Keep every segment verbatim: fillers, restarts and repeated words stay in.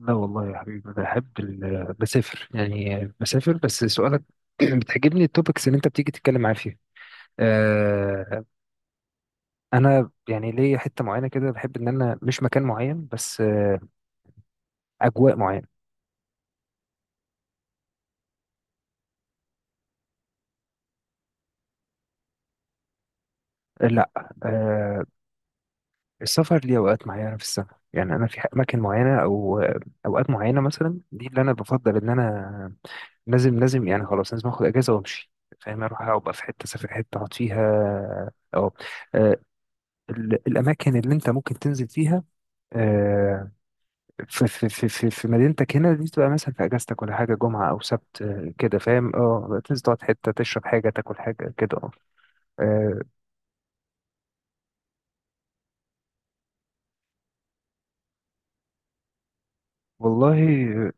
لا والله يا حبيبي، انا بحب ال- بسافر، يعني بسافر. بس سؤالك بتعجبني التوبكس اللي انت بتيجي تتكلم معايا فيها. آه، انا يعني ليا حته معينه كده، بحب ان انا مش مكان معين بس، آه اجواء معينه. لا، آه، السفر ليه اوقات معينه في السنه، يعني انا في اماكن معينه او، آه، اوقات معينه مثلا. دي اللي انا بفضل ان انا لازم لازم يعني، خلاص لازم اخد اجازه وامشي، فاهم؟ اروح ابقى في حته، اسافر حته اقعد فيها. اه، ال- الاماكن اللي انت ممكن تنزل فيها، آه، في في في في في مدينتك هنا دي، تبقى مثلا في اجازتك ولا حاجه، جمعه او سبت، آه، كده فاهم. اه، تنزل تقعد حته، تشرب حاجه تاكل حاجه كده. اه، آه، والله.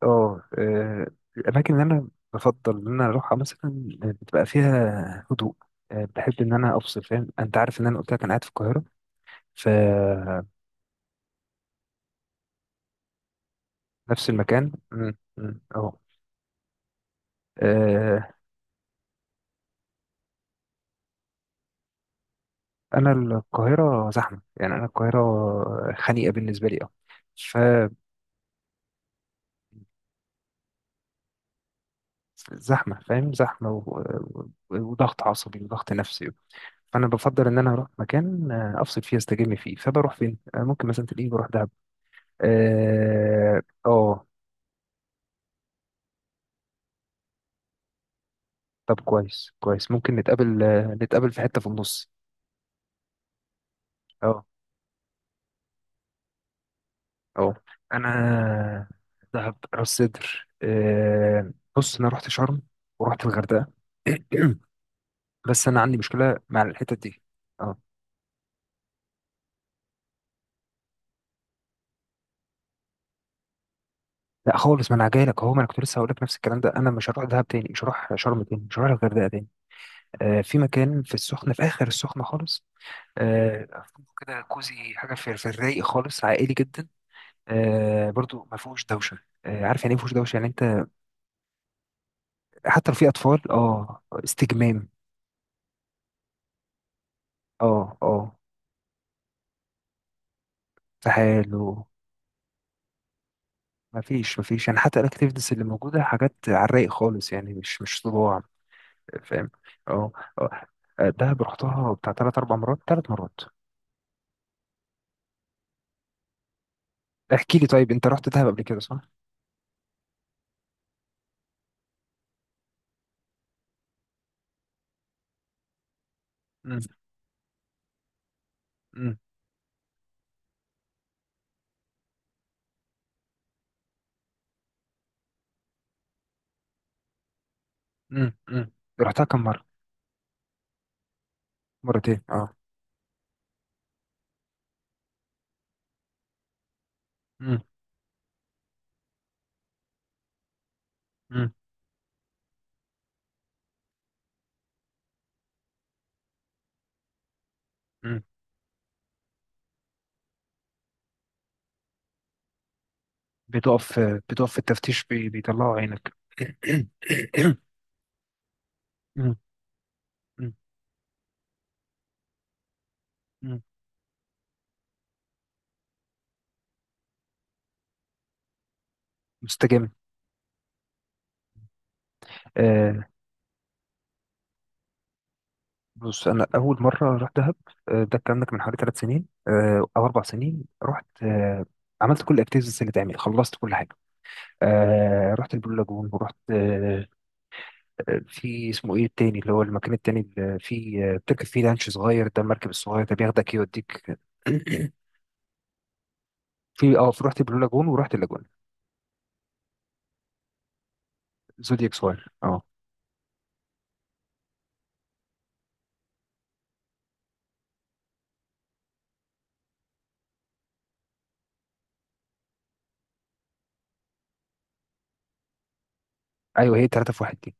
اه آه، الاماكن اللي انا بفضل ان انا اروحها مثلا، آه، بتبقى فيها هدوء. آه، بحب ان انا افصل، فاهم؟ انت عارف ان انا قلت لك انا قاعد في القاهره، فنفس المكان مم، مم، اه انا القاهره زحمه، يعني انا القاهره خنيقه بالنسبه لي. اه فزحمه، فاهم؟ زحمه و... و- وضغط عصبي وضغط نفسي. فانا بفضل ان انا اروح مكان آه، افصل فيه، استجم فيه. فبروح فين؟ آه، ممكن مثلا تلاقيني بروح دهب. اه آه، طب كويس كويس، ممكن نتقابل، آه، نتقابل في حته في النص. اه. اه. انا دهب، راس سدر، آه، بص، انا رحت شرم ورحت الغردقه، بس انا عندي مشكله مع الحتت دي. اه، لا خالص. ما انا جاي لك اهو، ما انا كنت لسه هقول لك نفس الكلام ده. انا مش هروح دهب تاني، مش هروح شرم تاني، مش هروح الغردقه تاني. آه في مكان في السخنه، في اخر السخنه خالص، آه كده كوزي حاجه، في, في الرايق خالص، عائلي جدا. آه برضو ما فيهوش دوشه. آه عارف يعني ايه ما فيهوش دوشه يعني؟ انت حتى لو في اطفال، اه، استجمام. اه، اه، في حاله. ما فيش، ما فيش يعني، حتى الاكتيفيتيز اللي موجوده حاجات على الرايق خالص، يعني مش مش صداع. فاهم؟ اه. اه آه، دهب رحتها بتاع ثلاث اربع مرات، ثلاث مرات. احكي لي، طيب انت رحت دهب قبل كده صح؟ مم. مم. مم. مم. رحتها كم مرة؟ مرتين، اه. مم. مم. مم. بتقف بتقف في التفتيش، بي- بيطلعوا عينك مم. مم. مم. مستجم. آه بص، انا اول مره رحت دهب، آه ده الكلام ده كان من حوالي ثلاث سنين آه او اربع سنين. رحت، آه عملت كل الاكتيفيتيز اللي تعمل، خلصت كل حاجه. آه رحت البلو لاجون، ورحت في، اسمه ايه التاني؟ اللي هو المكان التاني اللي فيه بتركب فيه لانش صغير، ده المركب الصغير ده بياخدك يوديك. في اه في رحت بلو لاجون ورحت اللاجون. زودياك صغير، اه. ايوه، هي ثلاثة في واحد دي.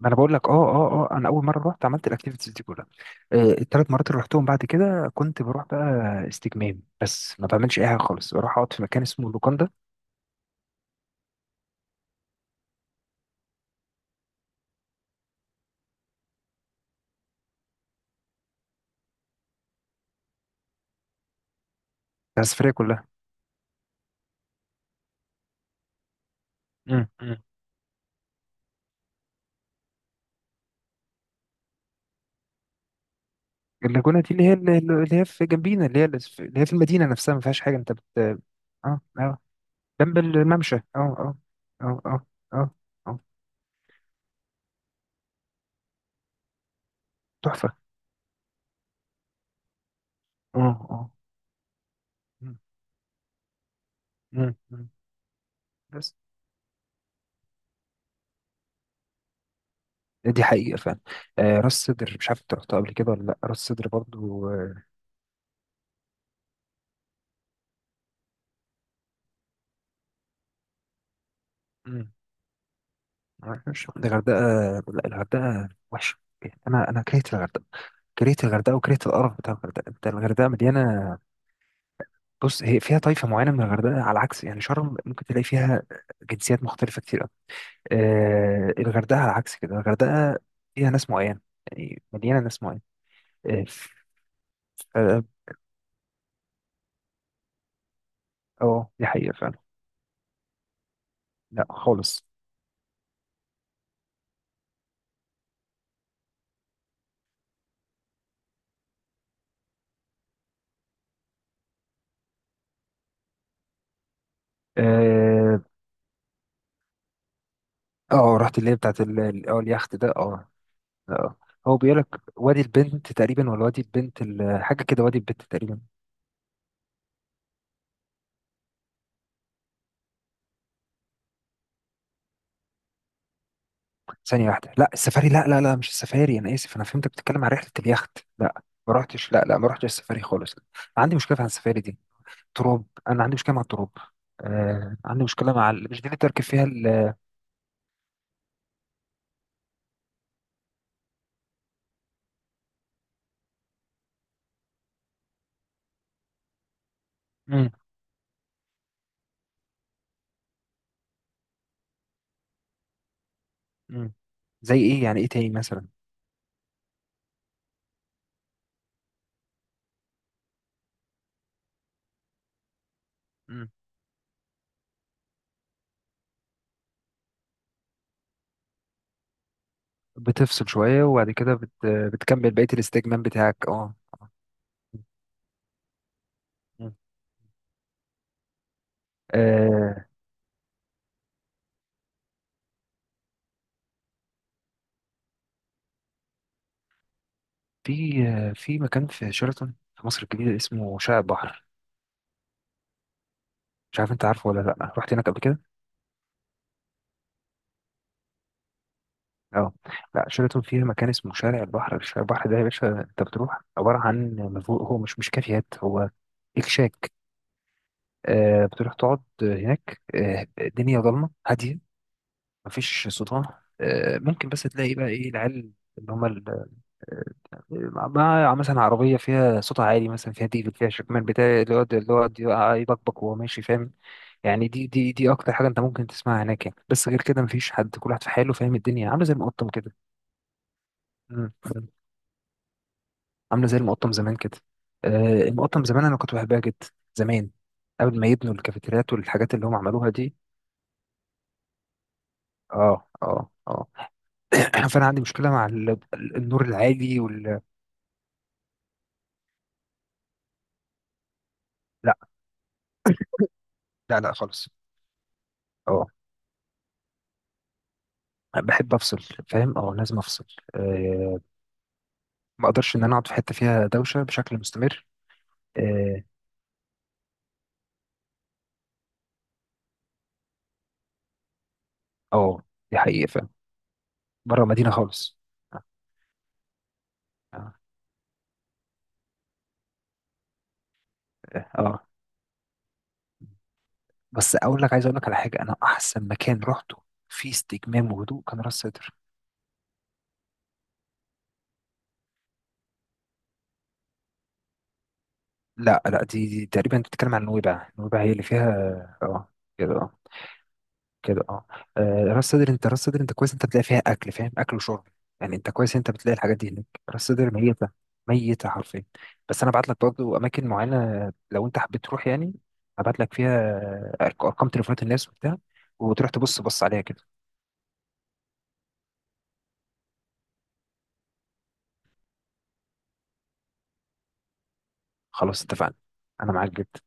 ما انا بقول لك، اه اه اه انا اول مره رحت عملت الاكتيفيتيز دي كلها. آه الثلاث مرات اللي رحتهم بعد كده كنت بروح بقى استجمام بس، ما بعملش اي حاجه خالص، بروح اقعد في مكان اسمه لوكاندا بتاع السفريه كلها. مم. مم. اللاجونه دي، اللي هي اللي هي في جنبينا، اللي هي اللي هي في المدينه نفسها، ما فيهاش حاجه. انت بت اه آه، جنب الممشى. اه، اه، اه، اه، اه، اه. تحفة. اه، اه، مم، مم، مم. بس. دي حقيقة فعلا. آه راس سدر، مش عارف انت رحتها قبل كده ولا لا، راس سدر برضو. آه، مم، معرفش. الغردقة، لا الغردقة وحشة. انا انا كرهت الغردقة، كرهت الغردقة وكرهت القرف بتاع الغردقة. انت الغردقة مليانة، بص، هي فيها طائفة معينة من الغردقة. على عكس يعني شرم، ممكن تلاقي فيها جنسيات مختلفة كتير. آه، الغردقة على عكس كده، الغردقة فيها ناس معين، يعني مليانة ناس معين. اه. آه، آه، آه، دي حقيقة فعلا. لا خالص. اه آه، رحت اللي هي بتاعت، ال- ال- اه اليخت ده، اه. آه. هو بيقول لك وادي البنت تقريبا، ولا وادي البنت، ال- حاجة كده، وادي البنت تقريبا. ثانية واحدة، لا السفاري، لا لا لا، مش السفاري. أنا آسف، أنا فهمتك بتتكلم عن رحلة اليخت. لا، ما رحتش، لا لا، ما رحتش السفاري خالص. عندي مشكلة مع السفاري دي. تراب، أنا عندي مشكلة مع التراب. آه، عندي مشكلة مع ال- مش دي اللي تركب فيها. مم. مم. زي ايه يعني؟ ايه تاني مثلا؟ مم. بتفصل شوية، وبعد كده بت... بتكمل بقية الاستجمام بتاعك. اه. مم. آه في آه، في مكان في شيراتون في مصر الجديدة، اسمه شارع البحر. مش عارف انت عارفه ولا لا، رحت هناك قبل كده؟ اه، لا شيراتون فيها مكان اسمه شارع البحر. شارع البحر ده يا باشا، انت بتروح عبارة عن، مفهو- هو مش مش كافيهات، هو اكشاك. آه بتروح تقعد هناك، آه الدنيا ضلمة هادية، مفيش صداع. آه، ممكن بس تلاقي بقى ايه، العيال اللي هم، ال- آه، مع مع مثلا عربية فيها صوت عالي، مثلا فيها ديفل، فيها شكمان بتاع اللي يقعد، اللي يقعد يقع- يبكبك وهو ماشي، فاهم؟ يعني دي دي دي أكتر حاجة أنت ممكن تسمعها هناك يعني. بس غير كده مفيش حد، كل واحد في حاله، فاهم؟ الدنيا عاملة زي المقطم كده. مم. مم. عاملة زي المقطم زمان كده. آه، المقطم زمان أنا كنت بحبها جدا، زمان، قبل ما يبنوا الكافيتريات والحاجات اللي هم عملوها دي. اه، اه، اه. فانا عندي مشكله مع ال- النور العالي وال... لا، لا، لا خالص. اه، بحب افصل، فاهم؟ اه، لازم افصل. أه ما اقدرش ان انا اقعد في حته فيها دوشه بشكل مستمر. اه، آه، دي حقيقه، فاهم؟ بره مدينه خالص. اه. اه. آه. بس اقول لك، عايز اقول لك على حاجه، انا احسن مكان رحته في استجمام وهدوء كان راس سدر. لا لا، دي, دي تقريبا انت بتتكلم عن نويبع، نويبع هي اللي فيها. اه، كده. اه، كده. اه، آه، راس صدر انت راس صدر انت كويس، انت بتلاقي فيها اكل، فاهم؟ اكل وشرب يعني، انت كويس، انت بتلاقي الحاجات دي هناك. راس صدر ميته، ميته حرفيا. بس انا ابعت لك برضه اماكن معينه، لو انت حبيت تروح يعني ابعت لك فيها أرق- ارقام تليفونات الناس وبتاع، وتروح تبص، بص عليها كده. خلاص، اتفقنا، انا معاك جدا.